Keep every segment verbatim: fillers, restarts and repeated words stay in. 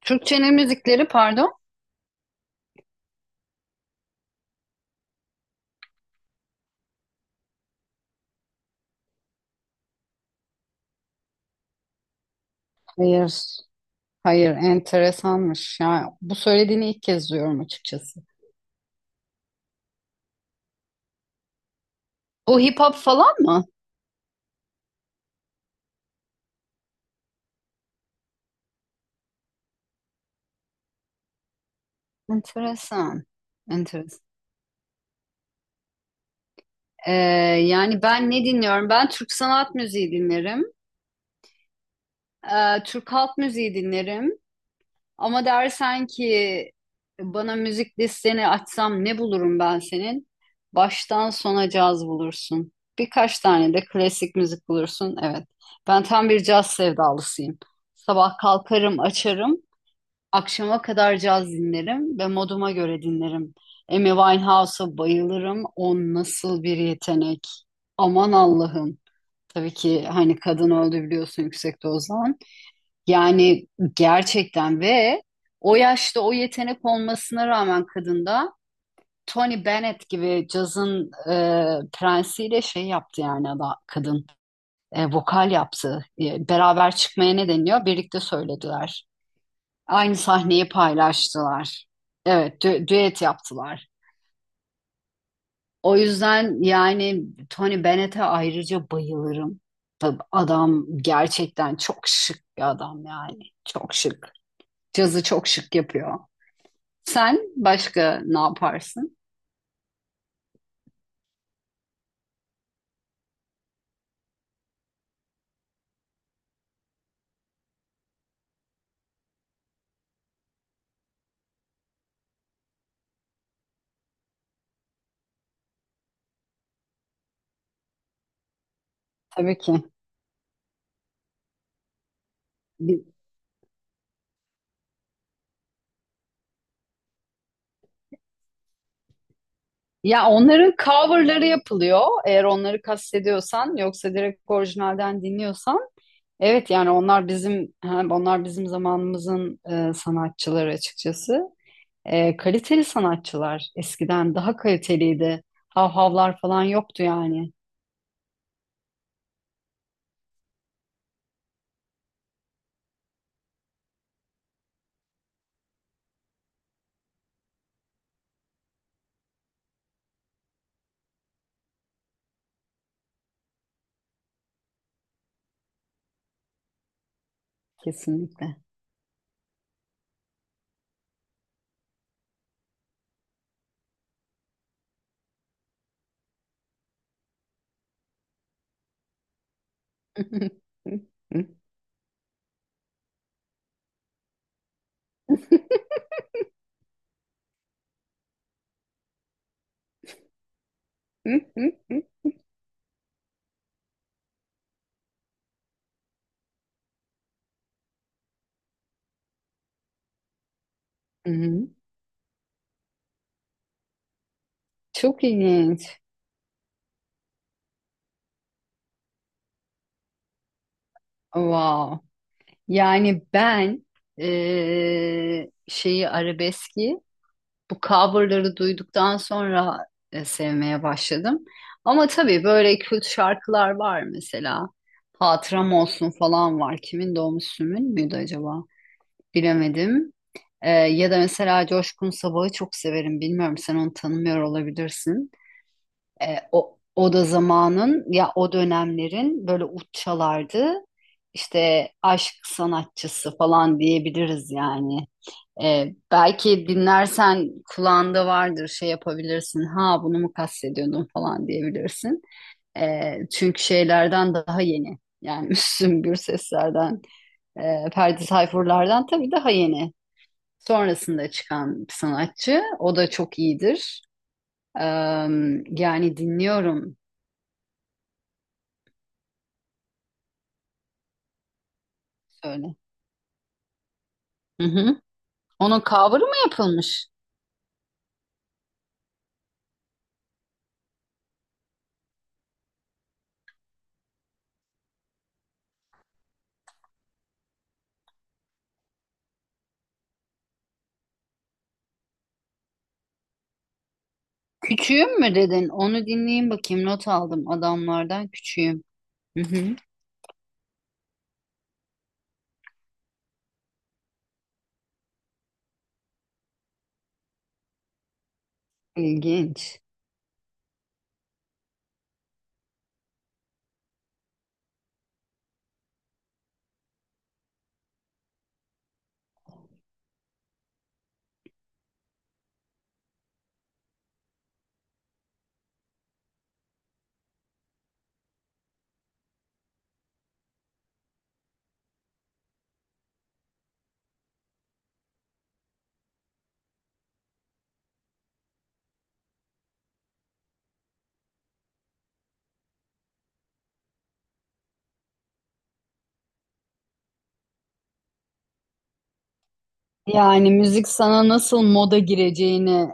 Türkçenin müzikleri pardon. Hayır, hayır, enteresanmış. Yani bu söylediğini ilk kez duyuyorum açıkçası. Bu hip hop falan mı? Enteresan. Enteresan. Ee, yani ben ne dinliyorum? Ben Türk sanat müziği dinlerim. Ee, Türk halk müziği dinlerim. Ama dersen ki bana müzik listeni açsam ne bulurum ben senin? Baştan sona caz bulursun. Birkaç tane de klasik müzik bulursun. Evet. Ben tam bir caz sevdalısıyım. Sabah kalkarım, açarım. Akşama kadar caz dinlerim ve moduma göre dinlerim. Amy Winehouse'a bayılırım. O nasıl bir yetenek. Aman Allah'ım. Tabii ki hani kadın öldü biliyorsun yüksek dozdan. Yani gerçekten ve o yaşta o yetenek olmasına rağmen kadında Tony Bennett gibi cazın e, prensiyle şey yaptı yani ada, kadın E, vokal yaptı. E, beraber çıkmaya ne deniyor? Birlikte söylediler. Aynı sahneyi paylaştılar. Evet, dü- düet yaptılar. O yüzden yani Tony Bennett'e ayrıca bayılırım. Tabii adam gerçekten çok şık bir adam yani. Çok şık. Cazı çok şık yapıyor. Sen başka ne yaparsın? Tabii ki. Bi- Ya onların coverları yapılıyor. Eğer onları kastediyorsan yoksa direkt orijinalden dinliyorsan. Evet yani onlar bizim hem onlar bizim zamanımızın e, sanatçıları açıkçası. E, kaliteli sanatçılar. Eskiden daha kaliteliydi. Havhavlar falan yoktu yani. Kesinlikle. Hı hı. Çok ilginç. Wow. Yani ben eee, şeyi arabeski bu coverları duyduktan sonra e, sevmeye başladım. Ama tabii böyle kült şarkılar var mesela. Hatıram olsun falan var. Kimin de o Müslüm'ün müydü acaba? Bilemedim. Eee, ya da mesela Coşkun Sabah'ı çok severim. Bilmiyorum sen onu tanımıyor olabilirsin. E, o, o da zamanın ya o dönemlerin böyle uççalardı. İşte aşk sanatçısı falan diyebiliriz yani. E, belki dinlersen kulağında vardır şey yapabilirsin. Ha bunu mu kastediyordun falan diyebilirsin. E, çünkü şeylerden daha yeni. Yani Müslüm Gürseslerden, e, Ferdi Tayfurlardan tabii daha yeni. Sonrasında çıkan bir sanatçı. O da çok iyidir. Eee, yani dinliyorum. Söyle. Hı hı. Onun cover'ı mı yapılmış? Küçüğüm mü dedin? Onu dinleyeyim bakayım. Not aldım adamlardan küçüğüm. Hı hı. İlginç. Yani müzik sana nasıl moda gireceğini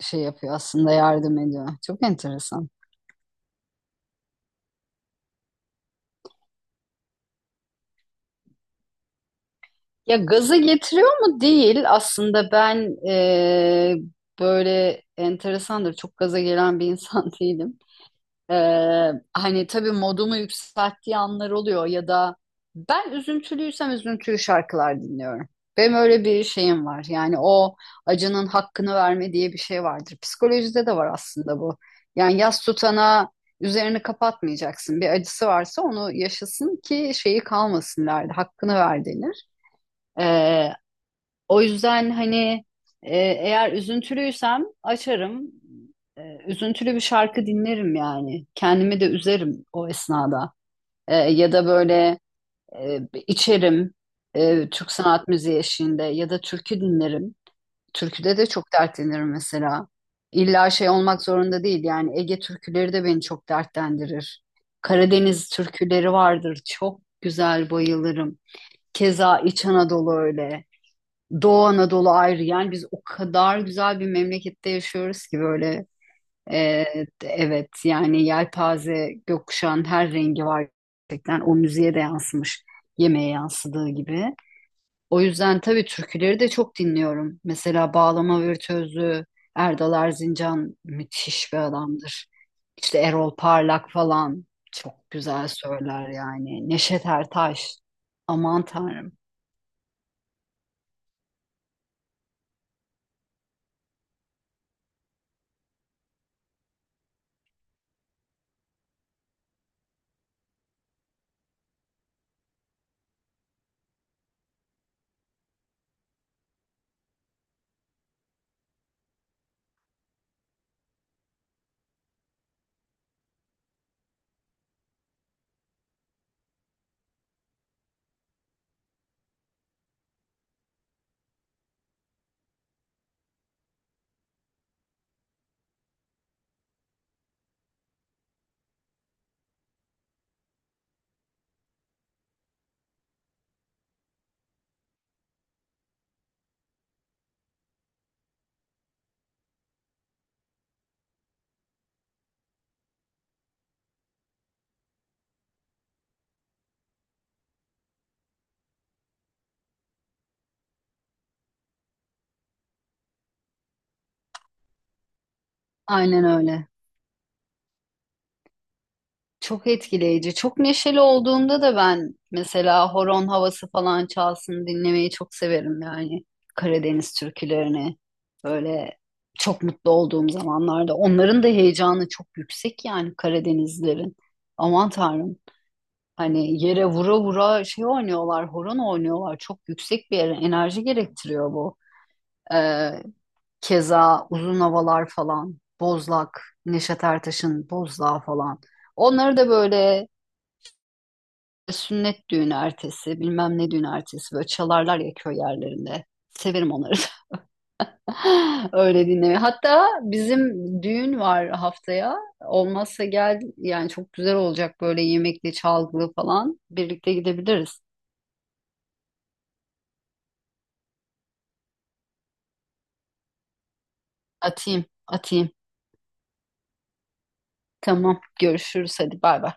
şey yapıyor aslında, yardım ediyor. Çok enteresan. Ya gaza getiriyor mu? Değil. Aslında ben eee, böyle enteresandır. Çok gaza gelen bir insan değilim. Ee, hani tabii modumu yükselttiği anlar oluyor ya da ben üzüntülüysem üzüntülü şarkılar dinliyorum. Benim öyle bir şeyim var. Yani o acının hakkını verme diye bir şey vardır. Psikolojide de var aslında bu. Yani yas tutana üzerini kapatmayacaksın. Bir acısı varsa onu yaşasın ki şeyi kalmasın derdi. Hakkını ver denir. Ee, o yüzden hani e, eğer üzüntülüysem açarım. E, üzüntülü bir şarkı dinlerim yani. Kendimi de üzerim o esnada. E, ya da böyle e, içerim e, Türk sanat müziği eşliğinde ya da türkü dinlerim. Türküde de çok dertlenirim mesela. İlla şey olmak zorunda değil yani Ege türküleri de beni çok dertlendirir. Karadeniz türküleri vardır çok güzel, bayılırım. Keza İç Anadolu öyle. Doğu Anadolu ayrı yani biz o kadar güzel bir memlekette yaşıyoruz ki böyle e, evet yani yelpaze gökkuşağın her rengi var gerçekten, o müziğe de yansımış yemeğe yansıdığı gibi. O yüzden tabii türküleri de çok dinliyorum. Mesela Bağlama Virtüözü Erdal Erzincan müthiş bir adamdır. İşte Erol Parlak falan çok güzel söyler yani. Neşet Ertaş, aman tanrım, aynen öyle. Çok etkileyici. Çok neşeli olduğumda da ben mesela horon havası falan çalsın dinlemeyi çok severim yani. Karadeniz türkülerini böyle çok mutlu olduğum zamanlarda. Onların da heyecanı çok yüksek yani Karadenizlerin. Aman Tanrım. Hani yere vura vura şey oynuyorlar, horon oynuyorlar. Çok yüksek bir enerji gerektiriyor bu. Ee, keza uzun havalar falan. Bozlak, Neşet Ertaş'ın Bozdağ falan. Onları da böyle e, sünnet düğünü ertesi, bilmem ne düğünü ertesi böyle çalarlar ya köy yerlerinde. Severim onları da. Öyle dinlemeyi. Hatta bizim düğün var haftaya. Olmazsa gel yani çok güzel olacak böyle yemekli, çalgılı falan. Birlikte gidebiliriz. Atayım, atayım. Tamam, görüşürüz. Hadi bay bay.